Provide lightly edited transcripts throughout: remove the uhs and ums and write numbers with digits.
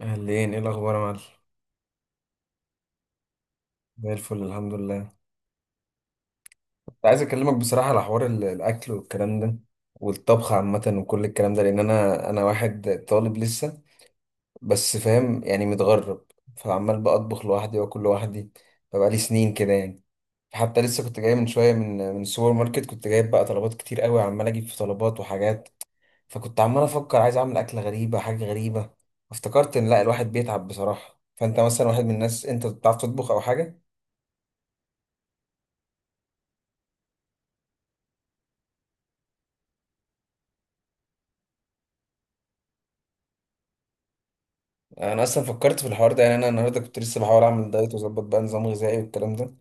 اهلين، ايه الاخبار يا معلم؟ زي الفل، الحمد لله. كنت عايز اكلمك بصراحه على حوار الاكل والكلام ده والطبخ عامه وكل الكلام ده، لان انا واحد طالب لسه، بس فاهم يعني متغرب. فعمال بطبخ لوحدي واكل لوحدي فبقالي سنين كده يعني. حتى لسه كنت جاي من شويه، من السوبر ماركت، كنت جايب بقى طلبات كتير قوي، عمال اجيب في طلبات وحاجات. فكنت عمال افكر عايز اعمل اكله غريبه، حاجه غريبه. افتكرت ان لا، الواحد بيتعب بصراحه. فانت مثلا واحد من الناس، انت بتعرف تطبخ او حاجه؟ انا اصلا فكرت في الحوار ده، يعني انا النهارده كنت لسه بحاول اعمل دايت واظبط بقى نظام غذائي والكلام ده.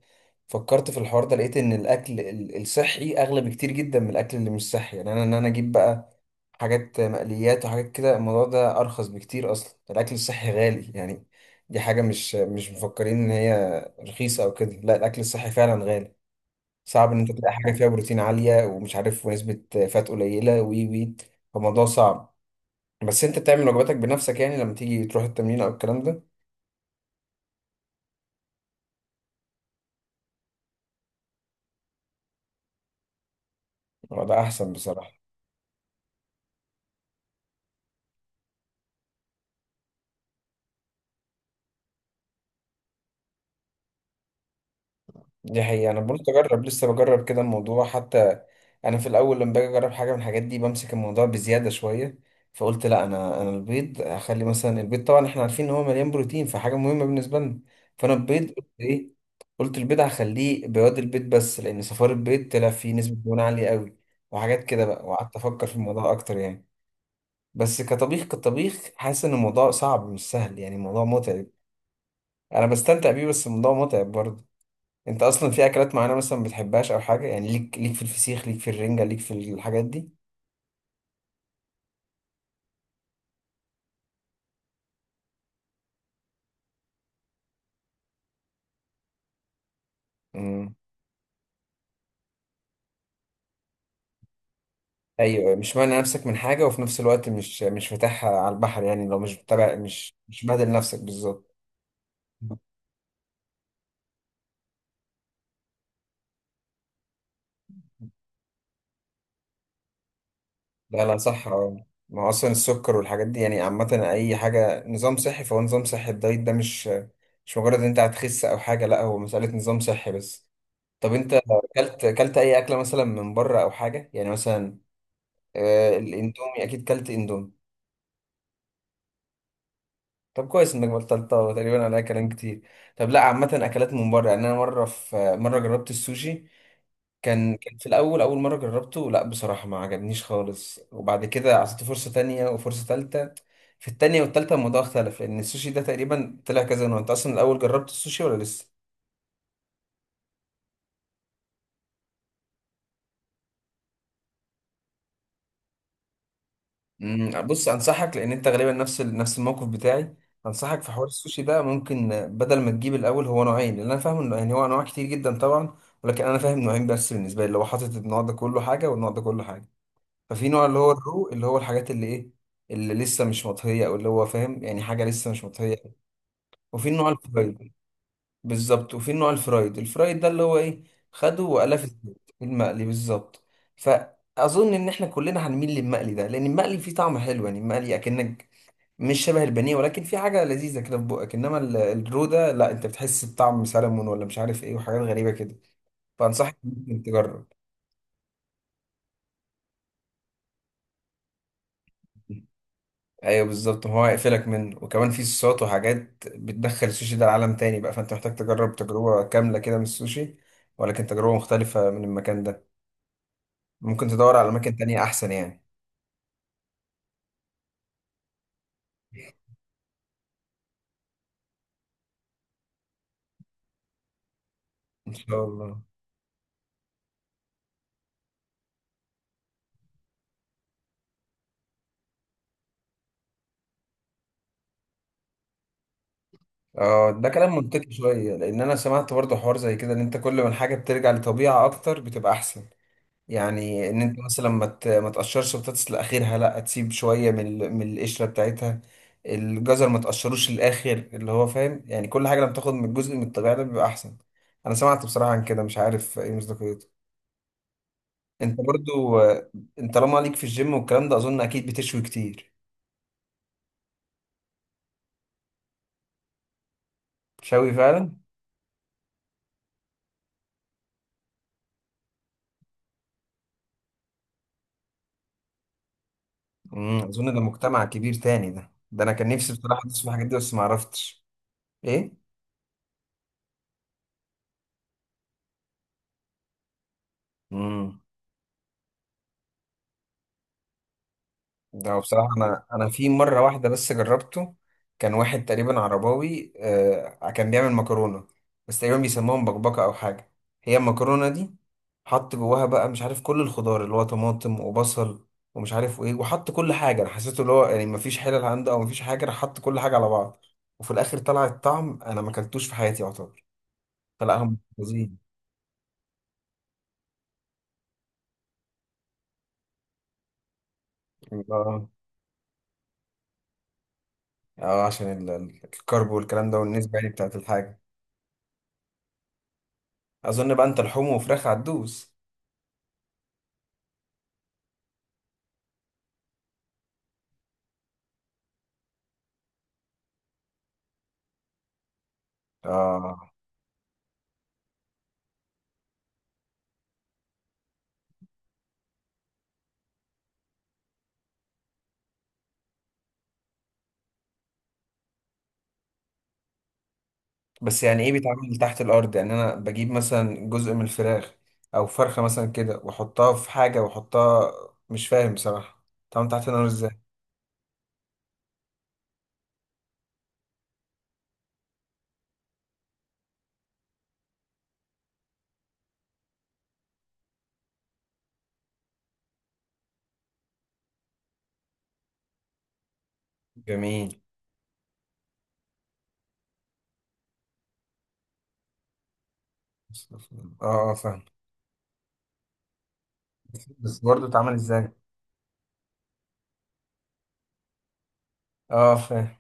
فكرت في الحوار ده، لقيت ان الاكل الصحي اغلى بكتير جدا من الاكل اللي مش صحي، يعني انا اجيب بقى حاجات مقليات وحاجات كده الموضوع ده ارخص بكتير، اصلا الاكل الصحي غالي يعني. دي حاجه مش مفكرين ان هي رخيصه او كده، لا الاكل الصحي فعلا غالي. صعب ان انت تلاقي حاجه فيها بروتين عاليه ومش عارف ونسبه فات قليله وي وي. فالموضوع صعب. بس انت بتعمل وجباتك بنفسك، يعني لما تيجي تروح التمرين او الكلام ده؟ هو ده احسن بصراحه. دي حقيقه، انا بقول اجرب، لسه بجرب كده الموضوع حتى. انا في الاول لما باجي اجرب حاجه من الحاجات دي بمسك الموضوع بزياده شويه. فقلت لا، انا البيض اخلي مثلا البيض، طبعا احنا عارفين ان هو مليان بروتين فحاجه مهمه بالنسبه لنا. فانا البيض قلت ايه؟ قلت البيض هخليه بياض البيض بس، لان صفار البيض طلع فيه نسبه دهون عاليه قوي وحاجات كده بقى، وقعدت افكر في الموضوع اكتر يعني. بس كطبيخ حاسس ان الموضوع صعب مش سهل، يعني الموضوع متعب. انا بستمتع بيه بس الموضوع متعب برضه. انت اصلا في اكلات معينه مثلا ما بتحبهاش او حاجه؟ يعني ليك في الفسيخ، ليك في الرنجه، ليك في الحاجات دي؟ امم. ايوه، مش مانع نفسك من حاجه وفي نفس الوقت مش فاتحها على البحر، يعني لو مش متابع مش بادل نفسك بالظبط. لا، لا، صح. اه، ما هو اصلا السكر والحاجات دي يعني عامه، اي حاجه نظام صحي فهو نظام صحي. الدايت ده مش مجرد ان انت هتخس او حاجه، لا هو مساله نظام صحي بس. طب انت اكلت اي اكله مثلا من بره او حاجه، يعني مثلا الاندومي؟ اكيد كلت اندومي. طب كويس انك بطلتها، وتقريبا عليها كلام كتير. طب لا، عامة اكلات من بره يعني، انا مرة، في مرة جربت السوشي. كان في الاول، اول مرة جربته، لا بصراحة ما عجبنيش خالص. وبعد كده عطيته فرصة تانية وفرصة تالتة. في التانية والتالتة الموضوع اختلف، لان السوشي ده تقريبا طلع كذا نوع. انت اصلا الاول جربت السوشي ولا لسه؟ مم، بص انصحك، لان انت غالبا نفس الموقف بتاعي. انصحك في حوار السوشي ده، ممكن بدل ما تجيب الاول، هو نوعين، لان انا فاهم انه يعني هو انواع كتير جدا طبعا. ولكن انا فاهم نوعين بس بالنسبه لي، اللي هو حاطط النوع ده كله حاجه والنوع ده كله حاجه. ففي نوع اللي هو الرو، اللي هو الحاجات اللي ايه، اللي لسه مش مطهيه، او اللي هو فاهم يعني حاجه لسه مش مطهيه. وفي النوع الفرايد. بالظبط. وفي النوع الفرايد ده اللي هو ايه؟ خده وقلاه في الزيت. المقلي بالظبط. فاظن ان احنا كلنا هنميل للمقلي ده، لان المقلي فيه طعم حلو. يعني المقلي اكنك مش شبه البانيه، ولكن في حاجه لذيذه كده في بقك. انما الرو ده لا، انت بتحس بطعم سلمون ولا مش عارف ايه وحاجات غريبه كده. فانصحك ممكن تجرب. ايوه بالظبط، ما هو هيقفلك منه. وكمان في صوصات وحاجات بتدخل السوشي ده لعالم تاني بقى، فانت محتاج تجرب تجربه كامله كده من السوشي، ولكن تجربه مختلفه من المكان ده. ممكن تدور على اماكن تانية احسن يعني. ان شاء الله. اه، ده كلام منطقي شويه، لان انا سمعت برضه حوار زي كده، ان انت كل ما الحاجه بترجع لطبيعه اكتر بتبقى احسن. يعني ان انت مثلا ما تقشرش بطاطس لاخرها، لا تسيب شويه من من القشره بتاعتها. الجزر ما تقشروش للاخر، اللي هو فاهم يعني كل حاجه لما تاخد من الجزء من الطبيعه ده بيبقى احسن. انا سمعت بصراحه عن كده، مش عارف ايه مصداقيته. انت برضو. انت طالما ليك في الجيم والكلام ده، اظن اكيد بتشوي كتير. شوي فعلا. امم. اظن ده مجتمع كبير تاني. ده انا كان نفسي بصراحه ادرس في الحاجات دي بس ما عرفتش. ايه. امم ده بصراحة أنا في مرة واحدة بس جربته. كان واحد تقريبا عرباوي، كان بيعمل مكرونة، بس تقريبا بيسموها مبكبكة أو حاجة. هي المكرونة دي، حط جواها بقى مش عارف كل الخضار، اللي هو طماطم وبصل ومش عارف وإيه، وحط كل حاجة. أنا حسيته اللي هو يعني مفيش حلل عنده أو مفيش حاجة، راح حط كل حاجة على بعض. وفي الآخر طلع الطعم، أنا ما أكلتوش في حياتي يعتبر. فلا هم محفوظين. آه، آه، عشان الكرب والكلام ده والنسبة يعني بتاعت الحاجة. أظن بقى أنت لحوم وفراخ هتدوس. آه. بس يعني ايه بيتعمل تحت الارض؟ يعني انا بجيب مثلا جزء من الفراخ، او فرخه مثلا كده واحطها في حاجه واحطها، مش فاهم بصراحه اتعمل تحت النار ازاي. جميل. اه، اه، فاهم. بس برضه اتعمل ازاي؟ اه، فاهم.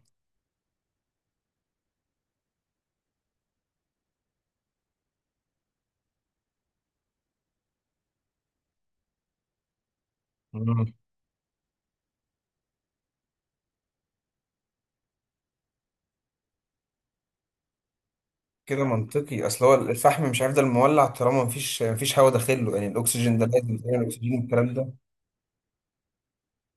مم. كده منطقي، اصل هو الفحم مش هيفضل مولع طالما مفيش هواء داخله، يعني الاكسجين ده لازم يتعمل اكسجين والكلام ده.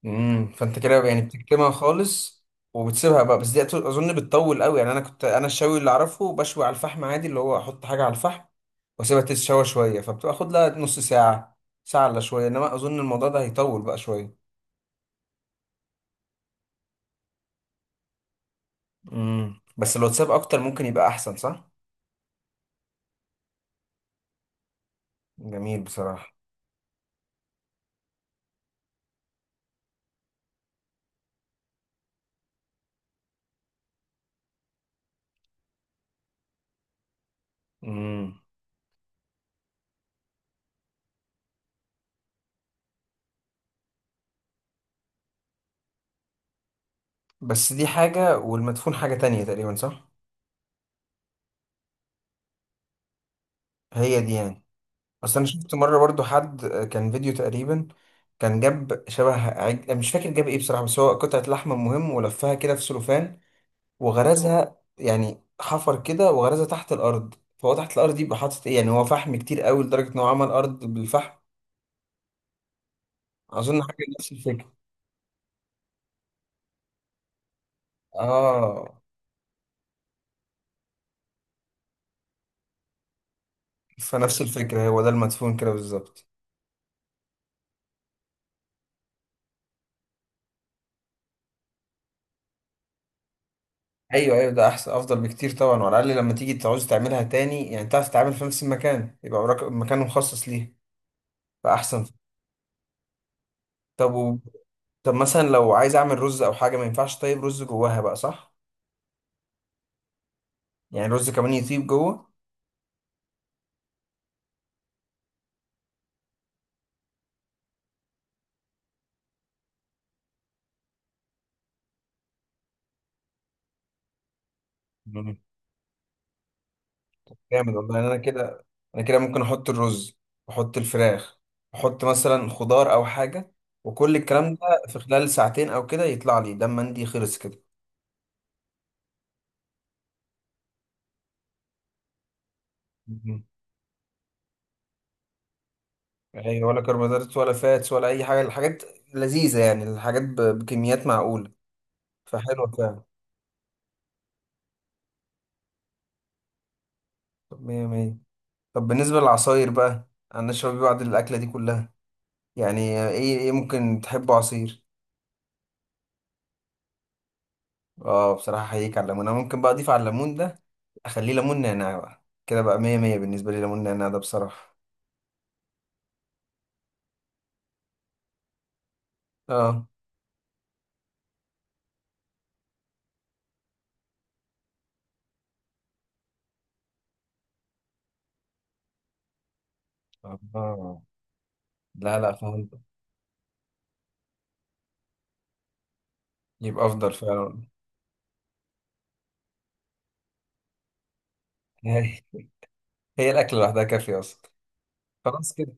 فانت كده يعني بتكتمها خالص. وبتسيبها بقى. بس دي اظن بتطول قوي، يعني انا الشوي اللي اعرفه، بشوي على الفحم عادي، اللي هو احط حاجه على الفحم واسيبها تتشوى شويه فبتاخد لها نص ساعه، ساعه الا شويه. انما اظن الموضوع ده هيطول بقى شويه. بس لو تساب اكتر ممكن يبقى احسن صح. جميل بصراحه. امم. بس دي حاجه والمدفون حاجه تانية تقريبا صح؟ هي دي يعني. بس انا شفت مره برضو حد، كان فيديو تقريبا. كان جاب شبه مش فاكر جاب ايه بصراحه، بس هو قطعه لحم مهم، ولفها كده في سلوفان وغرزها، يعني حفر كده وغرزها تحت الارض. فهو تحت الارض دي يبقى حاطط ايه؟ يعني هو فحم كتير قوي لدرجه ان هو عمل ارض بالفحم. اظن حاجه نفس الفكره. اه. فنفس الفكره، هو ده المدفون كده بالظبط. ايوه، ايوه، ده احسن، افضل بكتير طبعا. وعلى الاقل لما تيجي تعوز تعملها تاني يعني تعرف تتعامل في نفس المكان، يبقى وراك مكان مخصص ليه فاحسن. طب و... طب مثلا لو عايز اعمل رز او حاجه ما ينفعش؟ طيب رز جواها بقى صح؟ يعني الرز كمان يطيب جوه؟ مم. جامد والله. انا كده، انا كده ممكن احط الرز واحط الفراخ واحط مثلا خضار او حاجه، وكل الكلام ده في خلال ساعتين او كده يطلع لي دم مندي، خلص كده. مم. اي، ولا كربوهيدرات ولا فاتس ولا اي حاجه، الحاجات لذيذه يعني، الحاجات بكميات معقوله فحلوه فعلا. طب مية مية. طب بالنسبه للعصاير بقى، انا اشرب إيه بعد الاكله دي كلها؟ يعني ايه ممكن تحبه عصير؟ اه، بصراحة احييك على الليمون. انا ممكن بقى اضيف على الليمون ده، اخليه ليمون نعناع بقى كده بقى. مية مية بالنسبة لي، ليمون نعناع ده بصراحة. اه. اه، لا، لا، فهمت. يبقى افضل فعلا. هي، هي الاكل لوحدها كافية اصلا. خلاص كده.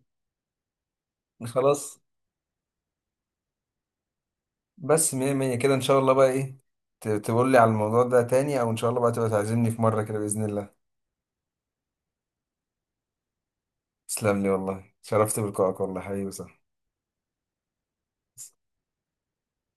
خلاص. بس مية مية كده ان شاء الله بقى ايه، تقول لي على الموضوع ده تاني، او ان شاء الله بقى تبقى تعزمني في مرة كده بإذن الله. تسلم لي والله، شرفت بلقائك والله، حبيبي صح.